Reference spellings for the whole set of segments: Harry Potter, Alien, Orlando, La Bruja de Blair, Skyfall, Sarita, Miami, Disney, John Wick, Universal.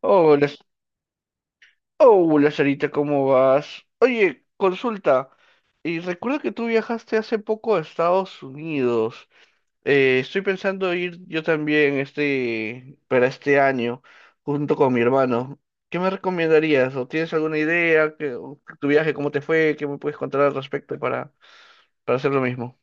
Hola, hola Sarita, ¿cómo vas? Oye, consulta, y recuerdo que tú viajaste hace poco a Estados Unidos. Estoy pensando ir yo también para este año, junto con mi hermano. ¿Qué me recomendarías? ¿O tienes alguna idea? ¿O tu viaje, cómo te fue? ¿Qué me puedes contar al respecto para hacer lo mismo?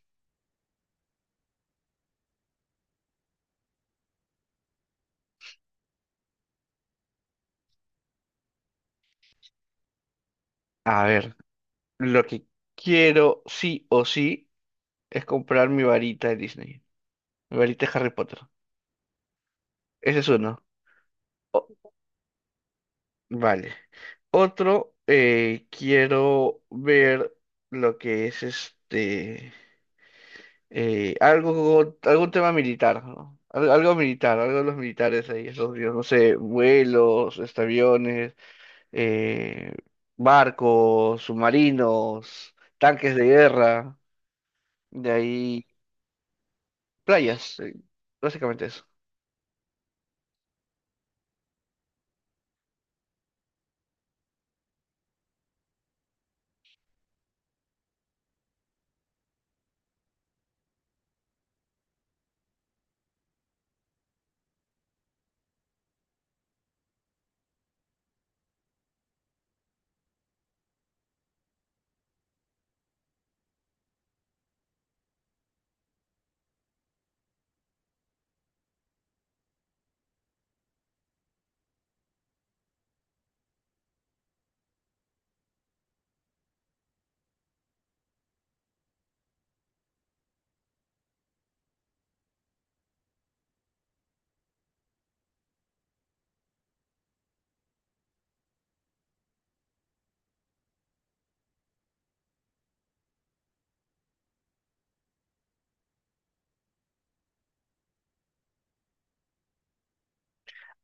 A ver, lo que quiero sí o sí es comprar mi varita de Disney, mi varita de Harry Potter. Ese es uno. Vale. Otro, quiero ver lo que es algún tema militar, ¿no? Algo, militar, algo de los militares ahí, esos dios, no sé, vuelos, aviones, eh, barcos, submarinos, tanques de guerra, de ahí playas, básicamente eso.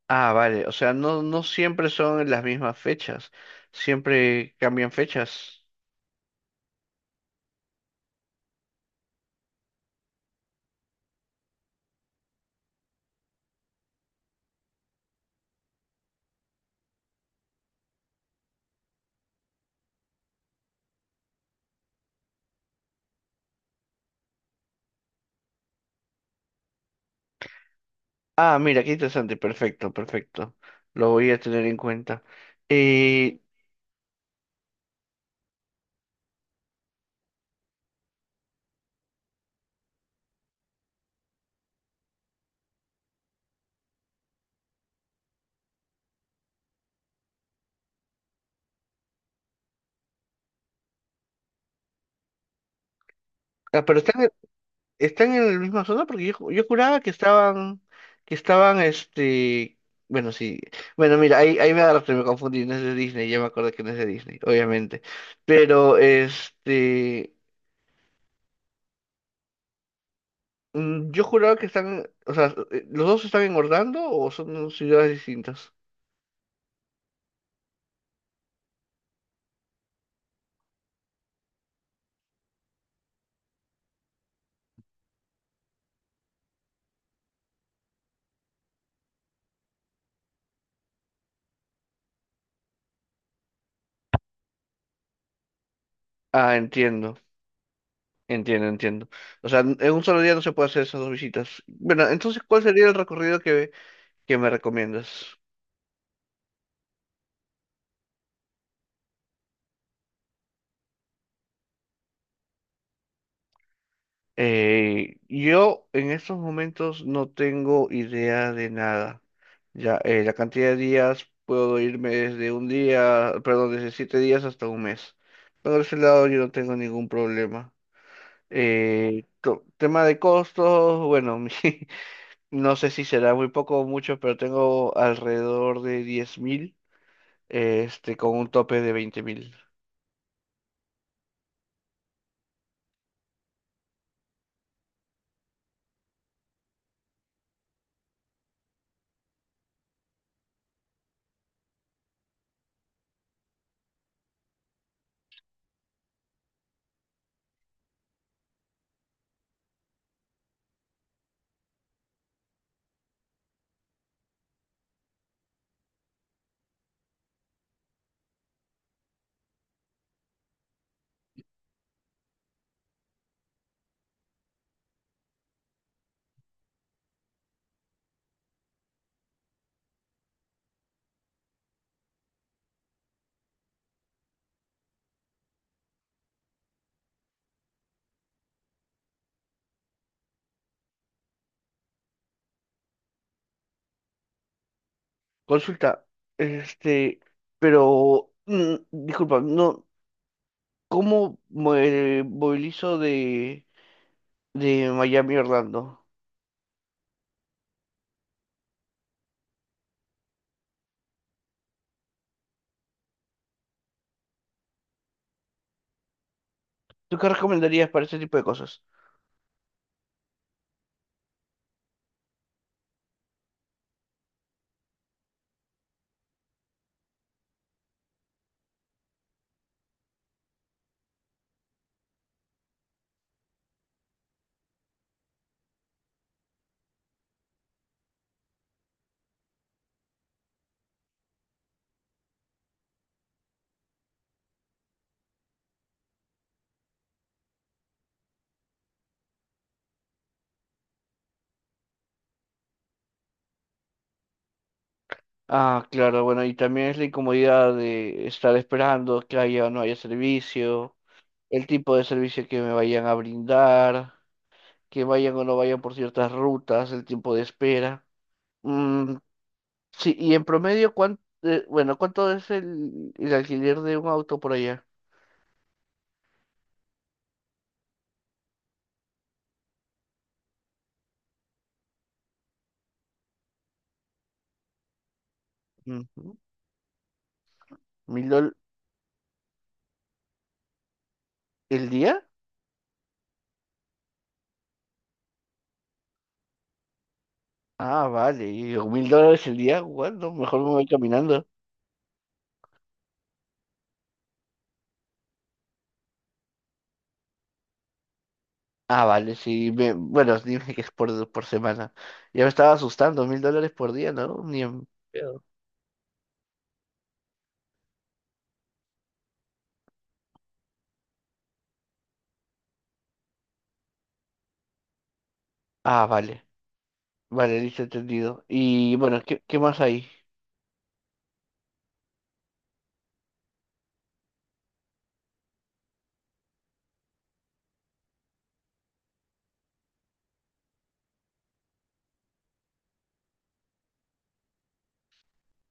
Ah, vale, o sea, no, no siempre son en las mismas fechas, siempre cambian fechas. Ah, mira, qué interesante, perfecto, perfecto. Lo voy a tener en cuenta. Eh, pero están, están en la misma zona porque yo juraba que estaban, que estaban, este, bueno, sí. Bueno, mira, ahí, ahí me agarraste, me confundí, no es de Disney, ya me acordé que no es de Disney, obviamente. Pero, yo juraba que están, o sea, ¿los dos están en Orlando o son ciudades distintas? Ah, entiendo. Entiendo, entiendo. O sea, en un solo día no se puede hacer esas dos visitas. Bueno, entonces, ¿cuál sería el recorrido que me recomiendas? Yo en estos momentos no tengo idea de nada. Ya, la cantidad de días puedo irme desde un día, perdón, desde 7 días hasta un mes. Por ese lado yo no tengo ningún problema. Tema de costos, bueno, no sé si será muy poco o mucho, pero tengo alrededor de 10,000 con un tope de 20,000. Consulta, este, pero, disculpa, no, ¿cómo me movilizo de Miami a Orlando? ¿Tú qué recomendarías para ese tipo de cosas? Ah, claro, bueno, y también es la incomodidad de estar esperando que haya o no haya servicio, el tipo de servicio que me vayan a brindar, que vayan o no vayan por ciertas rutas, el tiempo de espera. Mm, sí, y en promedio, bueno, ¿cuánto es el alquiler de un auto por allá? Ujú. ¿$1,000 el día? Ah, vale. ¿$1,000 el día? Bueno, no, mejor me voy caminando. Ah, vale, sí. Bueno, dime que es por semana. Ya me estaba asustando, $1,000 por día, ¿no? Ni en pedo. Ah, vale. Vale, listo, entendido. Y bueno, ¿qué más hay?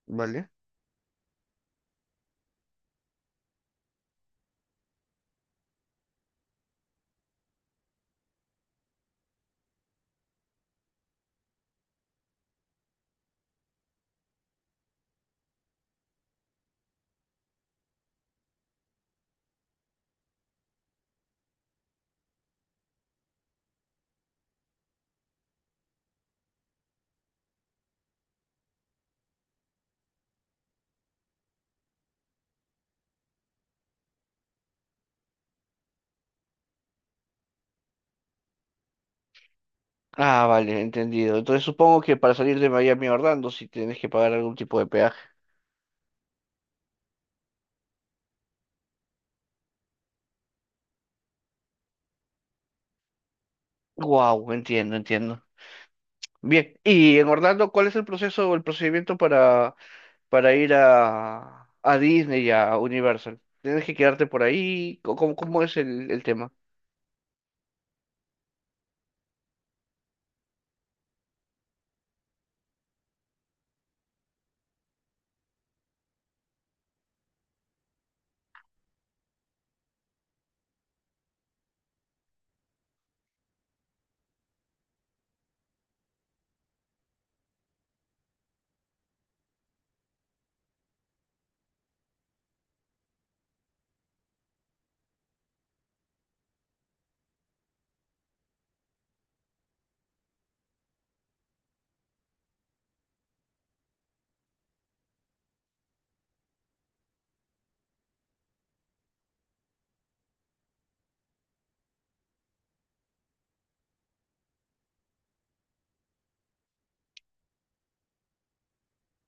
Vale. Ah, vale, entendido. Entonces supongo que para salir de Miami a Orlando sí tienes que pagar algún tipo de peaje. Wow, entiendo, entiendo. Bien, y en Orlando, ¿cuál es el proceso o el procedimiento para ir a Disney y a Universal? ¿Tienes que quedarte por ahí? ¿Cómo es el tema?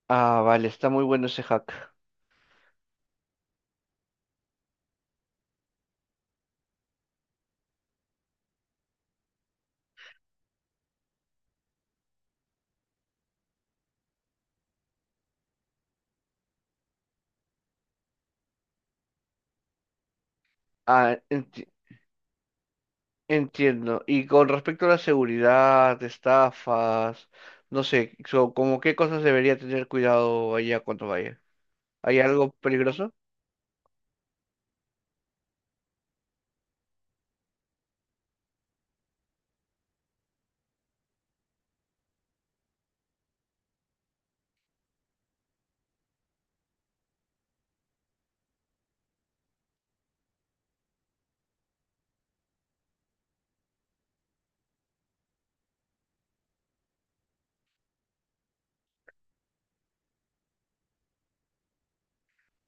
Ah, vale, está muy bueno ese hack. Ah, entiendo. Y con respecto a la seguridad, estafas, no sé, como qué cosas debería tener cuidado allá cuando vaya. ¿Hay algo peligroso?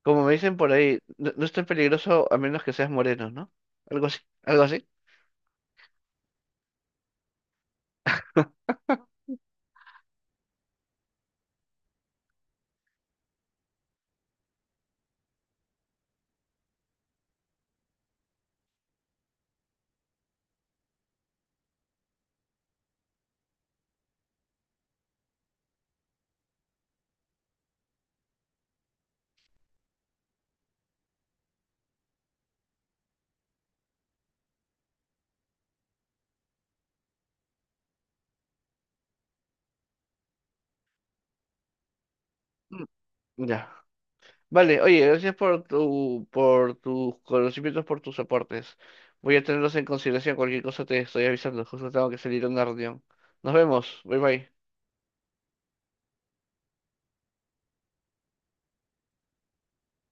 Como me dicen por ahí, no, no es tan peligroso a menos que seas moreno, ¿no? Algo así, algo así. Mm, ya. Vale, oye, gracias por tus conocimientos, por tus aportes. Voy a tenerlos en consideración. Cualquier cosa te estoy avisando. Justo tengo que salir a una reunión. Nos vemos. Bye bye.